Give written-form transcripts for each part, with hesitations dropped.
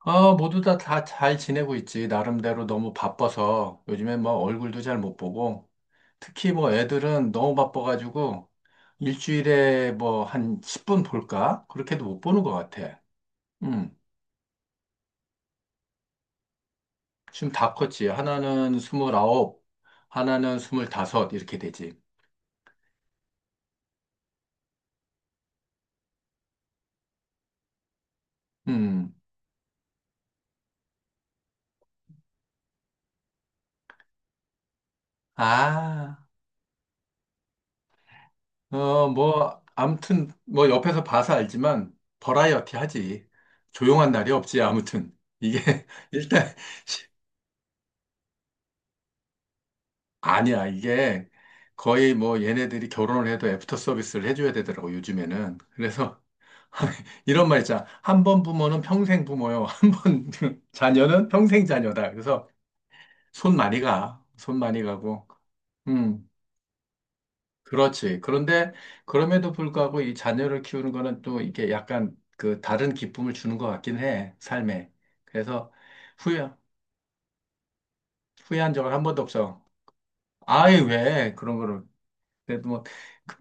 아, 모두 다 잘 지내고 있지. 나름대로 너무 바빠서 요즘에 뭐 얼굴도 잘 못 보고, 특히 뭐 애들은 너무 바빠가지고 일주일에 뭐 한 10분 볼까? 그렇게도 못 보는 것 같아. 음, 지금 다 컸지. 하나는 29, 하나는 25 이렇게 되지. 음, 아, 어, 뭐 아무튼 뭐 옆에서 봐서 알지만 버라이어티 하지. 조용한 날이 없지. 아무튼 이게 일단. 아니야, 이게 거의 뭐 얘네들이 결혼을 해도 애프터 서비스를 해줘야 되더라고, 요즘에는. 그래서 이런 말 있잖아. 한 번 부모는 평생 부모요. 한 번 자녀는 평생 자녀다. 그래서 손 많이 가. 손 많이 가고. 음, 그렇지. 그런데 그럼에도 불구하고 이 자녀를 키우는 거는 또 이게 약간 그 다른 기쁨을 주는 것 같긴 해, 삶에. 그래서 후회, 후회한 적은 한 번도 없어. 아이, 왜 그런 거를. 그래도 뭐, 그,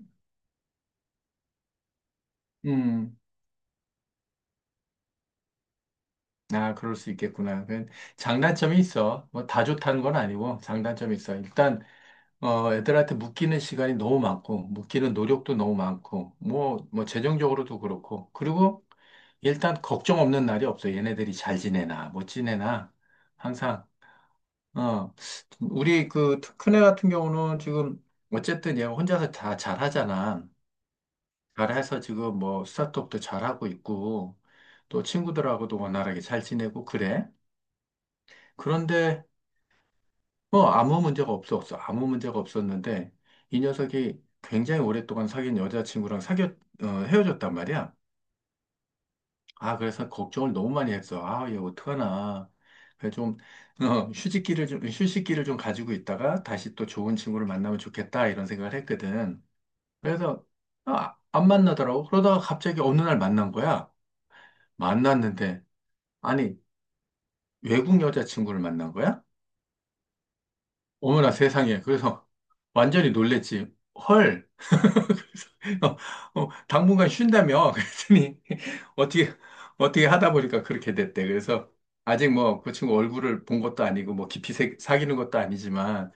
음. 아, 그럴 수 있겠구나. 그 장단점이 있어. 뭐 다 좋다는 건 아니고 장단점이 있어. 일단 어 애들한테 묶이는 시간이 너무 많고 묶이는 노력도 너무 많고 뭐 뭐 재정적으로도 그렇고 그리고 일단 걱정 없는 날이 없어. 얘네들이 잘 지내나 못 지내나 항상 어 우리 그 큰애 같은 경우는 지금 어쨌든 얘 혼자서 다 잘하잖아. 잘해서 지금 뭐타트업도 잘하고 있고 또 친구들하고도 원활하게 잘 지내고 그래. 그런데 뭐 아무 문제가 없었어. 아무 문제가 없었는데 이 녀석이 굉장히 오랫동안 사귄 어, 헤어졌단 말이야. 아, 그래서 걱정을 너무 많이 했어. 아, 얘 어떡하나. 그래서 좀 어, 휴식기를 좀 가지고 있다가 다시 또 좋은 친구를 만나면 좋겠다 이런 생각을 했거든. 그래서 아, 안 만나더라고. 그러다가 갑자기 어느 날 만난 거야. 만났는데 아니 외국 여자친구를 만난 거야? 어머나 세상에. 그래서 완전히 놀랬지. 헐. 그래서 어, 어, 당분간 쉰다며 그랬더니 어떻게 어떻게 하다 보니까 그렇게 됐대. 그래서 아직 뭐 그 친구 얼굴을 본 것도 아니고 뭐 깊이 사귀는 것도 아니지만,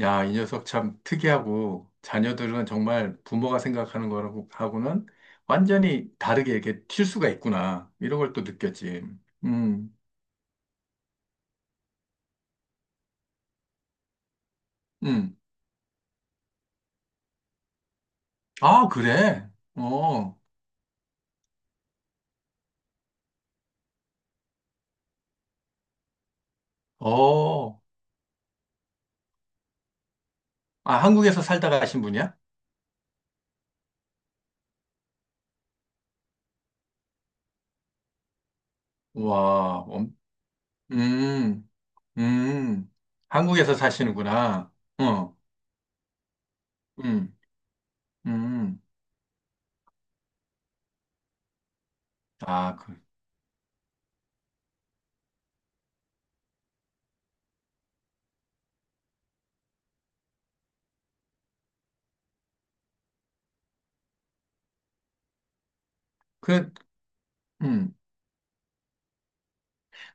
야, 이 녀석 참 특이하고 자녀들은 정말 부모가 생각하는 거라고 하고는 완전히 다르게 이렇게 튈 수가 있구나. 이런 걸 또 느꼈지. 음. 음. 아, 그래. 어. 어. 아, 한국에서 살다가 가신 분이야? 와. 음. 음, 한국에서 사시는구나. 어, 음, 음. 아, 그, 그, 음.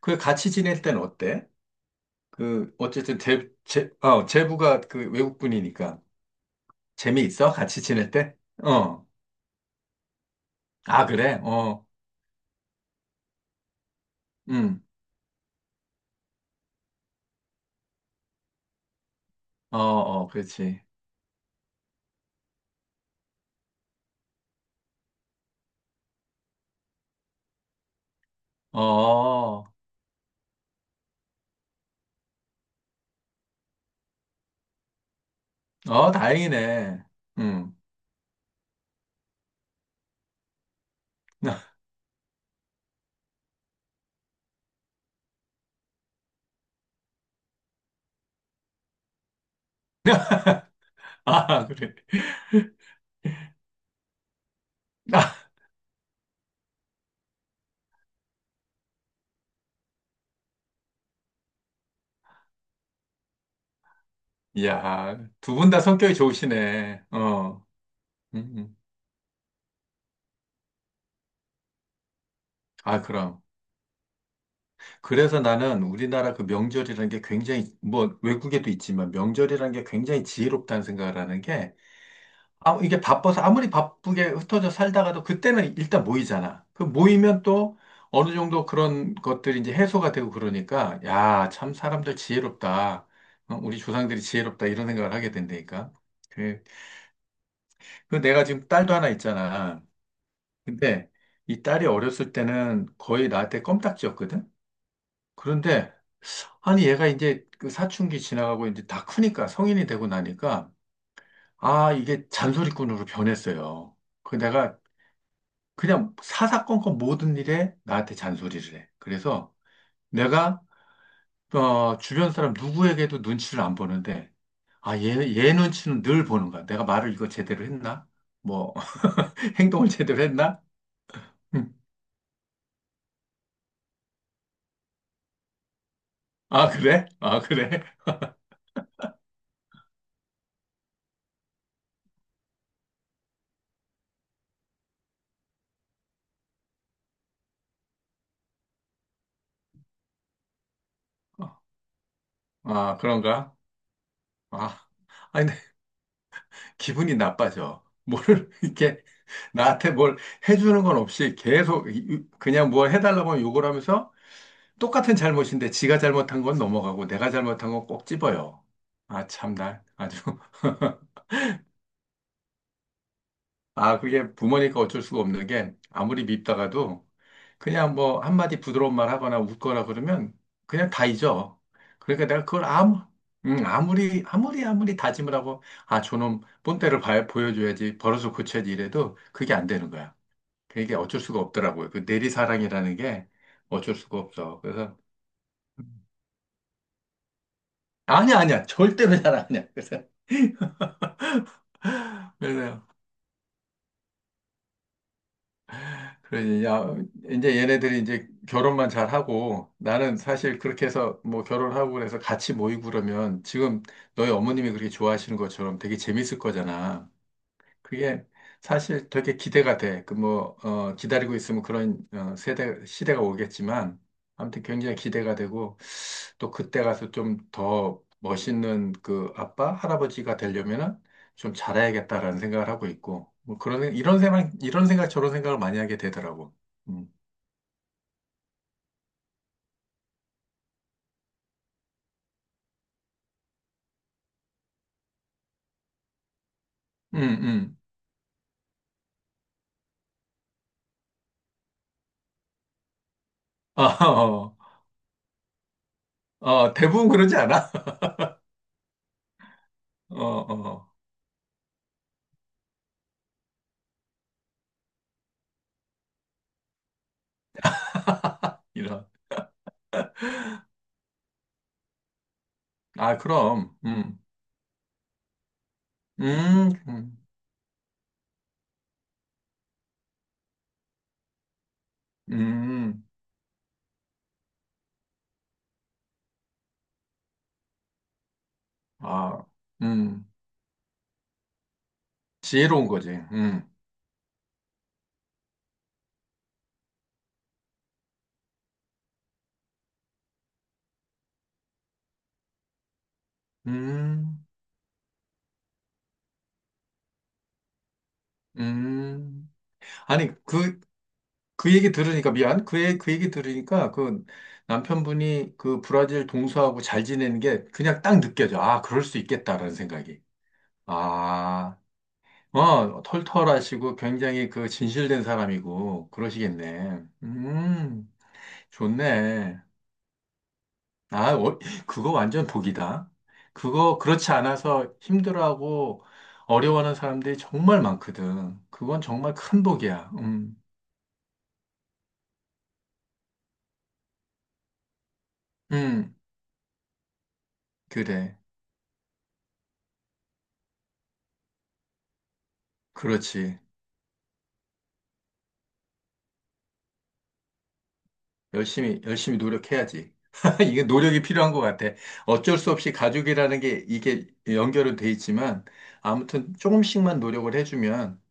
그 같이 지낼 때는 어때? 그, 어쨌든 제부가 그 외국분이니까. 재미있어? 같이 지낼 때? 어. 아, 그래? 어, 음. 어, 어, 그렇지. 어, 어, 다행이네. 음. 아, 그래. 아, 이야, 두 분 다 성격이 좋으시네. 어, 음. 아, 그럼. 그래서 나는 우리나라 그 명절이라는 게 굉장히, 뭐, 외국에도 있지만 명절이라는 게 굉장히 지혜롭다는 생각을 하는 게, 아, 이게 바빠서 아무리 바쁘게 흩어져 살다가도 그때는 일단 모이잖아. 그 모이면 또 어느 정도 그런 것들이 이제 해소가 되고 그러니까, 야, 참 사람들 지혜롭다. 어, 우리 조상들이 지혜롭다. 이런 생각을 하게 된다니까. 그, 그 내가 지금 딸도 하나 있잖아. 근데 이 딸이 어렸을 때는 거의 나한테 껌딱지였거든? 그런데 아니, 얘가 이제 그 사춘기 지나가고 이제 다 크니까 성인이 되고 나니까 아, 이게 잔소리꾼으로 변했어요. 그 내가 그냥 사사건건 모든 일에 나한테 잔소리를 해. 그래서 내가 어, 주변 사람 누구에게도 눈치를 안 보는데 아, 얘 눈치는 늘 보는 거야. 내가 말을 이거 제대로 했나? 뭐 행동을 제대로 했나? 음. 아, 그래? 아, 그래? 어, 아, 그런가? 아, 아니, 근데 기분이 나빠져. 뭐를 이렇게 나한테 뭘 해주는 건 없이 계속 그냥 뭘 해달라고 하면 욕을 하면서 똑같은 잘못인데 지가 잘못한 건 넘어가고 내가 잘못한 건 꼭 찝어요. 아, 참, 나 아주. 아, 그게 부모니까 어쩔 수가 없는 게 아무리 밉다가도 그냥 뭐 한마디 부드러운 말 하거나 웃거나 그러면 그냥 다 잊어. 그러니까 내가 그걸 아무, 아무리, 아무리, 아무리 다짐을 하고 아, 저놈 본때를 보여줘야지, 벌어서 고쳐야지 이래도 그게 안 되는 거야. 그게 어쩔 수가 없더라고요. 그 내리사랑이라는 게 어쩔 수가 없어. 그래서 아니야, 아니야. 절대로 잘 아니야. 그래서 그래서 그러지. 야, 이제 얘네들이 이제 결혼만 잘하고 나는 사실 그렇게 해서 뭐 결혼하고 그래서 같이 모이고 그러면 지금 너희 어머님이 그렇게 좋아하시는 것처럼 되게 재밌을 거잖아. 그게 사실 되게 기대가 돼. 그 뭐, 어, 기다리고 있으면 그런 어, 세대, 시대가 오겠지만, 아무튼 굉장히 기대가 되고, 또 그때 가서 좀 더 멋있는 그 아빠, 할아버지가 되려면은 좀 잘해야겠다라는 생각을 하고 있고, 뭐 그런, 이런 생각, 이런 생각, 저런 생각을 많이 하게 되더라고. 음, 음, 음. 어, 어, 어, 대부분 그러지 않아? 어, 어, 이런. 아, 그럼, 음, 음, 음, 아, 음. 지혜로운 거지. 음, 음. 아니, 그, 그 얘기 들으니까, 미안. 그, 그 얘기 들으니까, 그 남편분이 그 브라질 동서하고 잘 지내는 게 그냥 딱 느껴져. 아, 그럴 수 있겠다라는 생각이. 아, 어, 털털하시고 굉장히 그 진실된 사람이고, 그러시겠네. 좋네. 아, 어, 그거 완전 복이다. 그거 그렇지 않아서 힘들어하고 어려워하는 사람들이 정말 많거든. 그건 정말 큰 복이야. 음, 그래. 그렇지. 열심히, 열심히 노력해야지. 이게 노력이 필요한 것 같아. 어쩔 수 없이 가족이라는 게 이게 연결은 돼 있지만 아무튼 조금씩만 노력을 해주면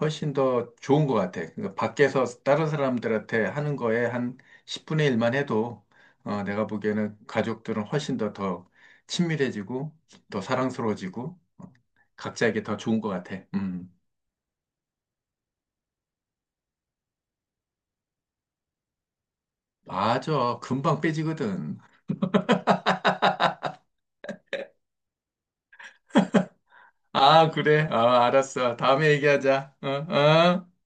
훨씬 더 좋은 것 같아. 그러니까 밖에서 다른 사람들한테 하는 거에 한 10분의 1만 해도 어, 내가 보기에는 가족들은 훨씬 더 더 친밀해지고 더 사랑스러워지고 어, 각자에게 더 좋은 것 같아. 맞아. 금방 빼지거든. 아, 그래. 아, 알았어. 다음에 얘기하자. 어, 어?